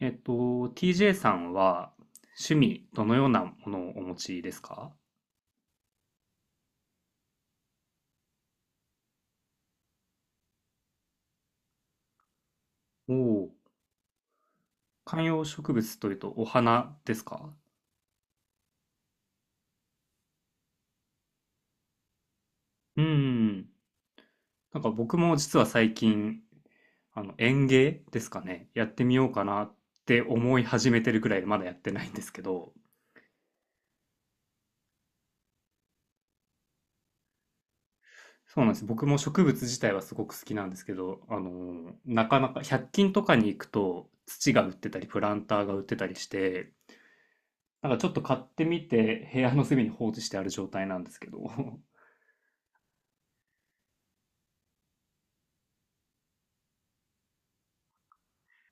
えっと、TJ さんは趣味どのようなものをお持ちですか？おおー、観葉植物というとお花ですか？うん。なんか僕も実は最近、園芸ですかね、やってみようかなって思い始めてるくらいでまだやってないんですけど、そうなんです。僕も植物自体はすごく好きなんですけど、なかなか百均とかに行くと土が売ってたりプランターが売ってたりして、なんかちょっと買ってみて部屋の隅に放置してある状態なんですけど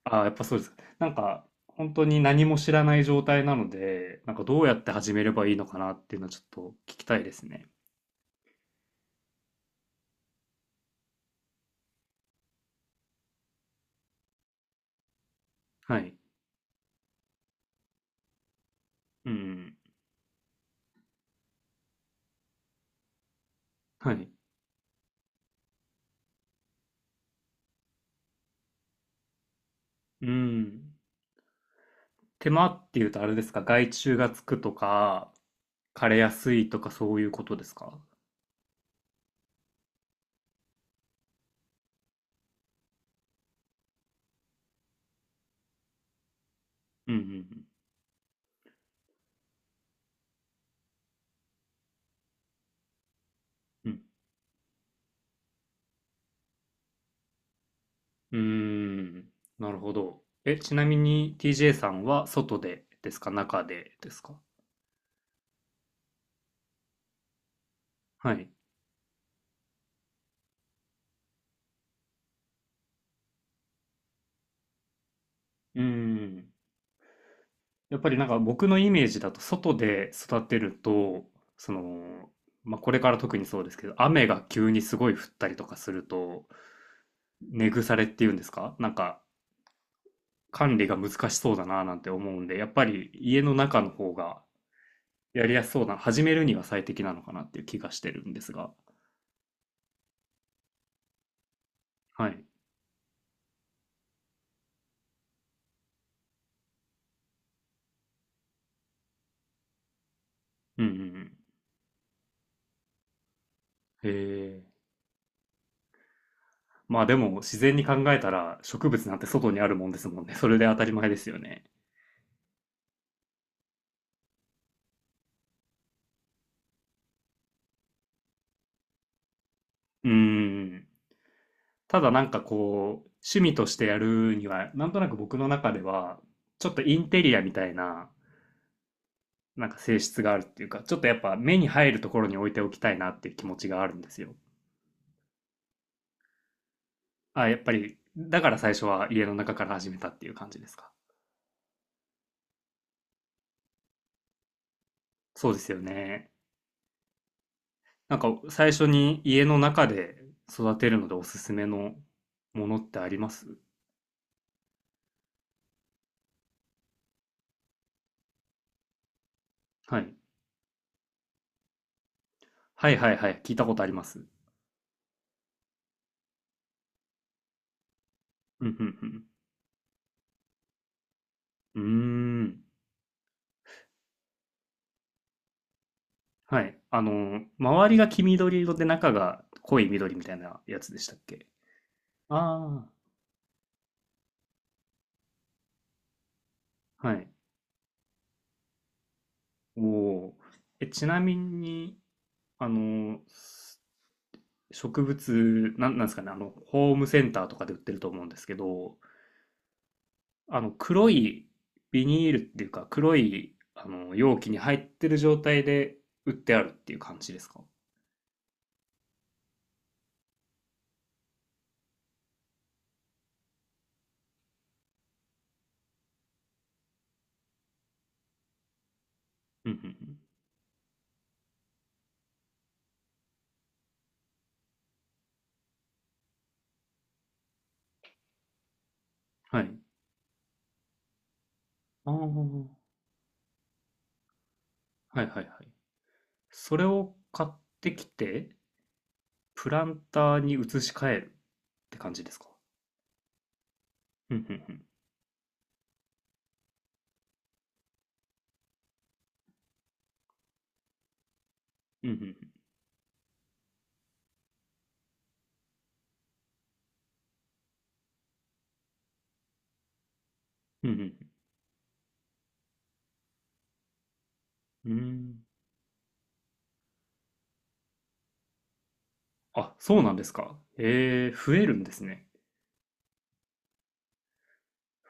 ああ、やっぱそうですか。なんか本当に何も知らない状態なので、なんかどうやって始めればいいのかなっていうのはちょっと聞きたいですね。はい。うん。はい。うん。手間っていうとあれですか？外注がつくとか枯れやすいとかそういうことですか？うんうんうん。うんうーん。なるほど。ちなみに TJ さんは外でですか中でですか？はい。うん。やっぱりなんか僕のイメージだと外で育てると、その、まあ、これから特にそうですけど、雨が急にすごい降ったりとかすると、根腐れっていうんですか、なんか管理が難しそうだななんて思うんで、やっぱり家の中の方がやりやすそうな、始めるには最適なのかなっていう気がしてるんですが。はい。うんうんうん。へえ。まあでも自然に考えたら植物なんて外にあるもんですもんね。それで当たり前ですよね。うんうん。ただなんかこう、趣味としてやるには、なんとなく僕の中では、ちょっとインテリアみたいな、なんか性質があるっていうか、ちょっとやっぱ目に入るところに置いておきたいなっていう気持ちがあるんですよ。あ、やっぱり、だから最初は家の中から始めたっていう感じですか。そうですよね。なんか最初に家の中で育てるのでおすすめのものってあります？はい。はいはいはい。聞いたことあります。うんうんうん。うーん。はい。周りが黄緑色で中が濃い緑みたいなやつでしたっけ？あ、あーはい。おお。え、ちなみに、あの、す植物、なんですかね、ホームセンターとかで売ってると思うんですけど、黒いビニールっていうか、黒い、容器に入ってる状態で売ってあるっていう感じですか？うんうんうん。はい。あ、あ。はいはいはい。それを買ってきて、プランターに移し替えるって感じですか？うんうんうん。うんうんうん。うんうんうん。あ、そうなんですか。えー、増えるんですね。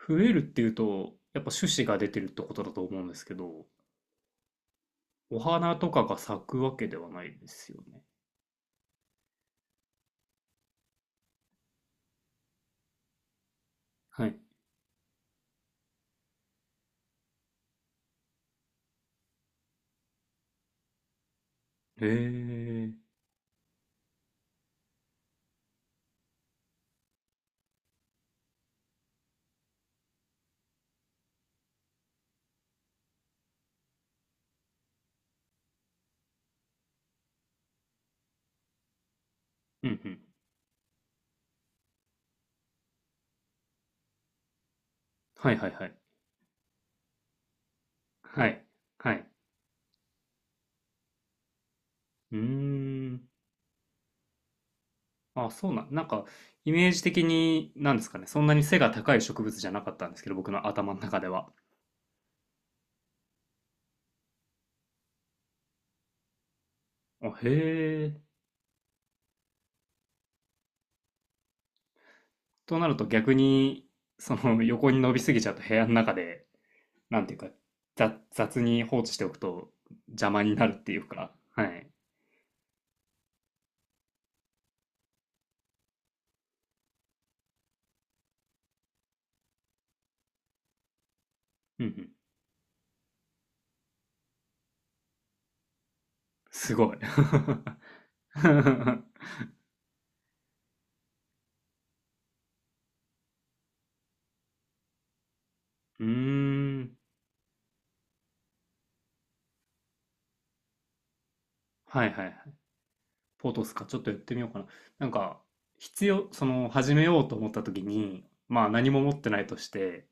増えるっていうと、やっぱ種子が出てるってことだと思うんですけど、お花とかが咲くわけではないですよね。はい。えー。うんうん。はいはいはい。はい。はい。うーん。あ、なんか、イメージ的に、なんですかね、そんなに背が高い植物じゃなかったんですけど、僕の頭の中では。あ、へえ。となると逆に、その 横に伸びすぎちゃうと部屋の中で、なんていうか、雑雑に放置しておくと邪魔になるっていうか、はい。うんうん。すごい。うーん。はいはいはい。ポトスか。ちょっとやってみようかな。なんか、必要、始めようと思った時に、まあ何も持ってないとして、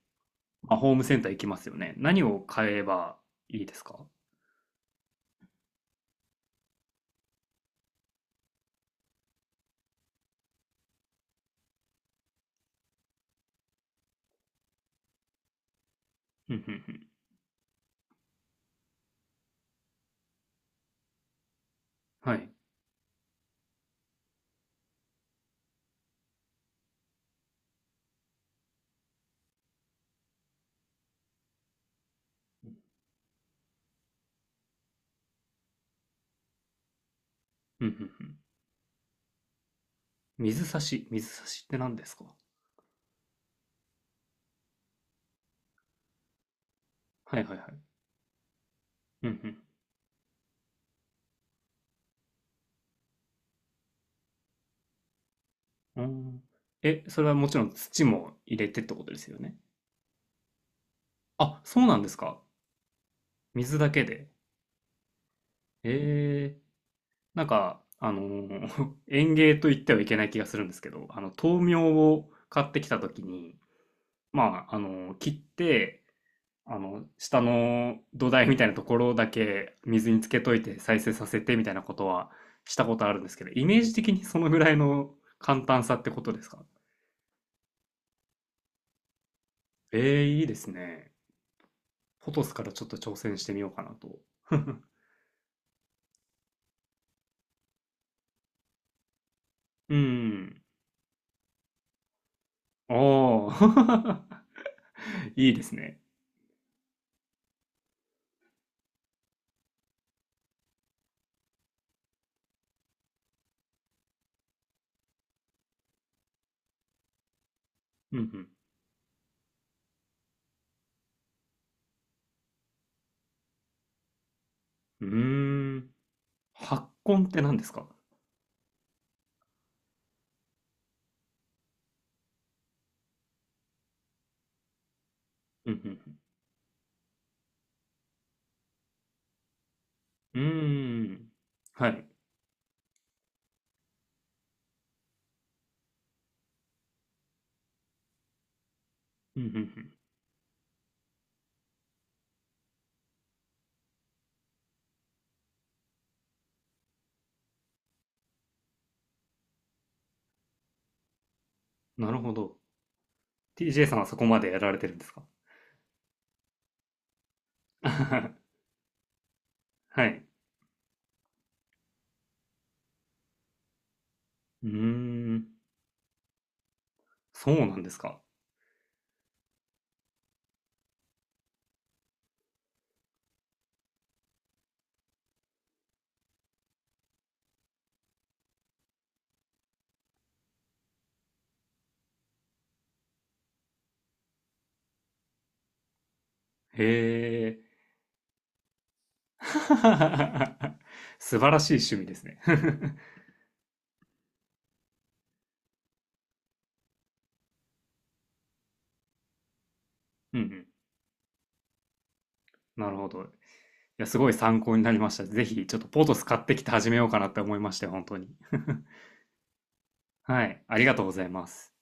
まあ、ホームセンター行きますよね。何を買えばいいですか？うんうんうん。はい。うんうんうん。水差し、水差しって何ですか？はいはいはい。うんうん。うん。え、それはもちろん土も入れてってことですよね。あ、そうなんですか。水だけで。えー、なんか、園芸と言ってはいけない気がするんですけど、豆苗を買ってきたときに、まあ、切って、下の土台みたいなところだけ水につけといて再生させてみたいなことはしたことあるんですけど、イメージ的にそのぐらいの簡単さってことですか？えーいいですね。ポトスからちょっと挑戦してみようかなと。うん。ああ、いいですね。うんうん。うーん。発根って何ですか？うんうんうん。うーん。はい。うんうんうん。なるほど。TJ さんはそこまでやられてるんですか？ はい。うーん。そうなんですか。へえ。素晴らしい趣味ですね。 うんうん。なるほど。や、すごい参考になりました。ぜひ、ちょっとポトス買ってきて始めようかなって思いましたよ、本当に。はい、ありがとうございます。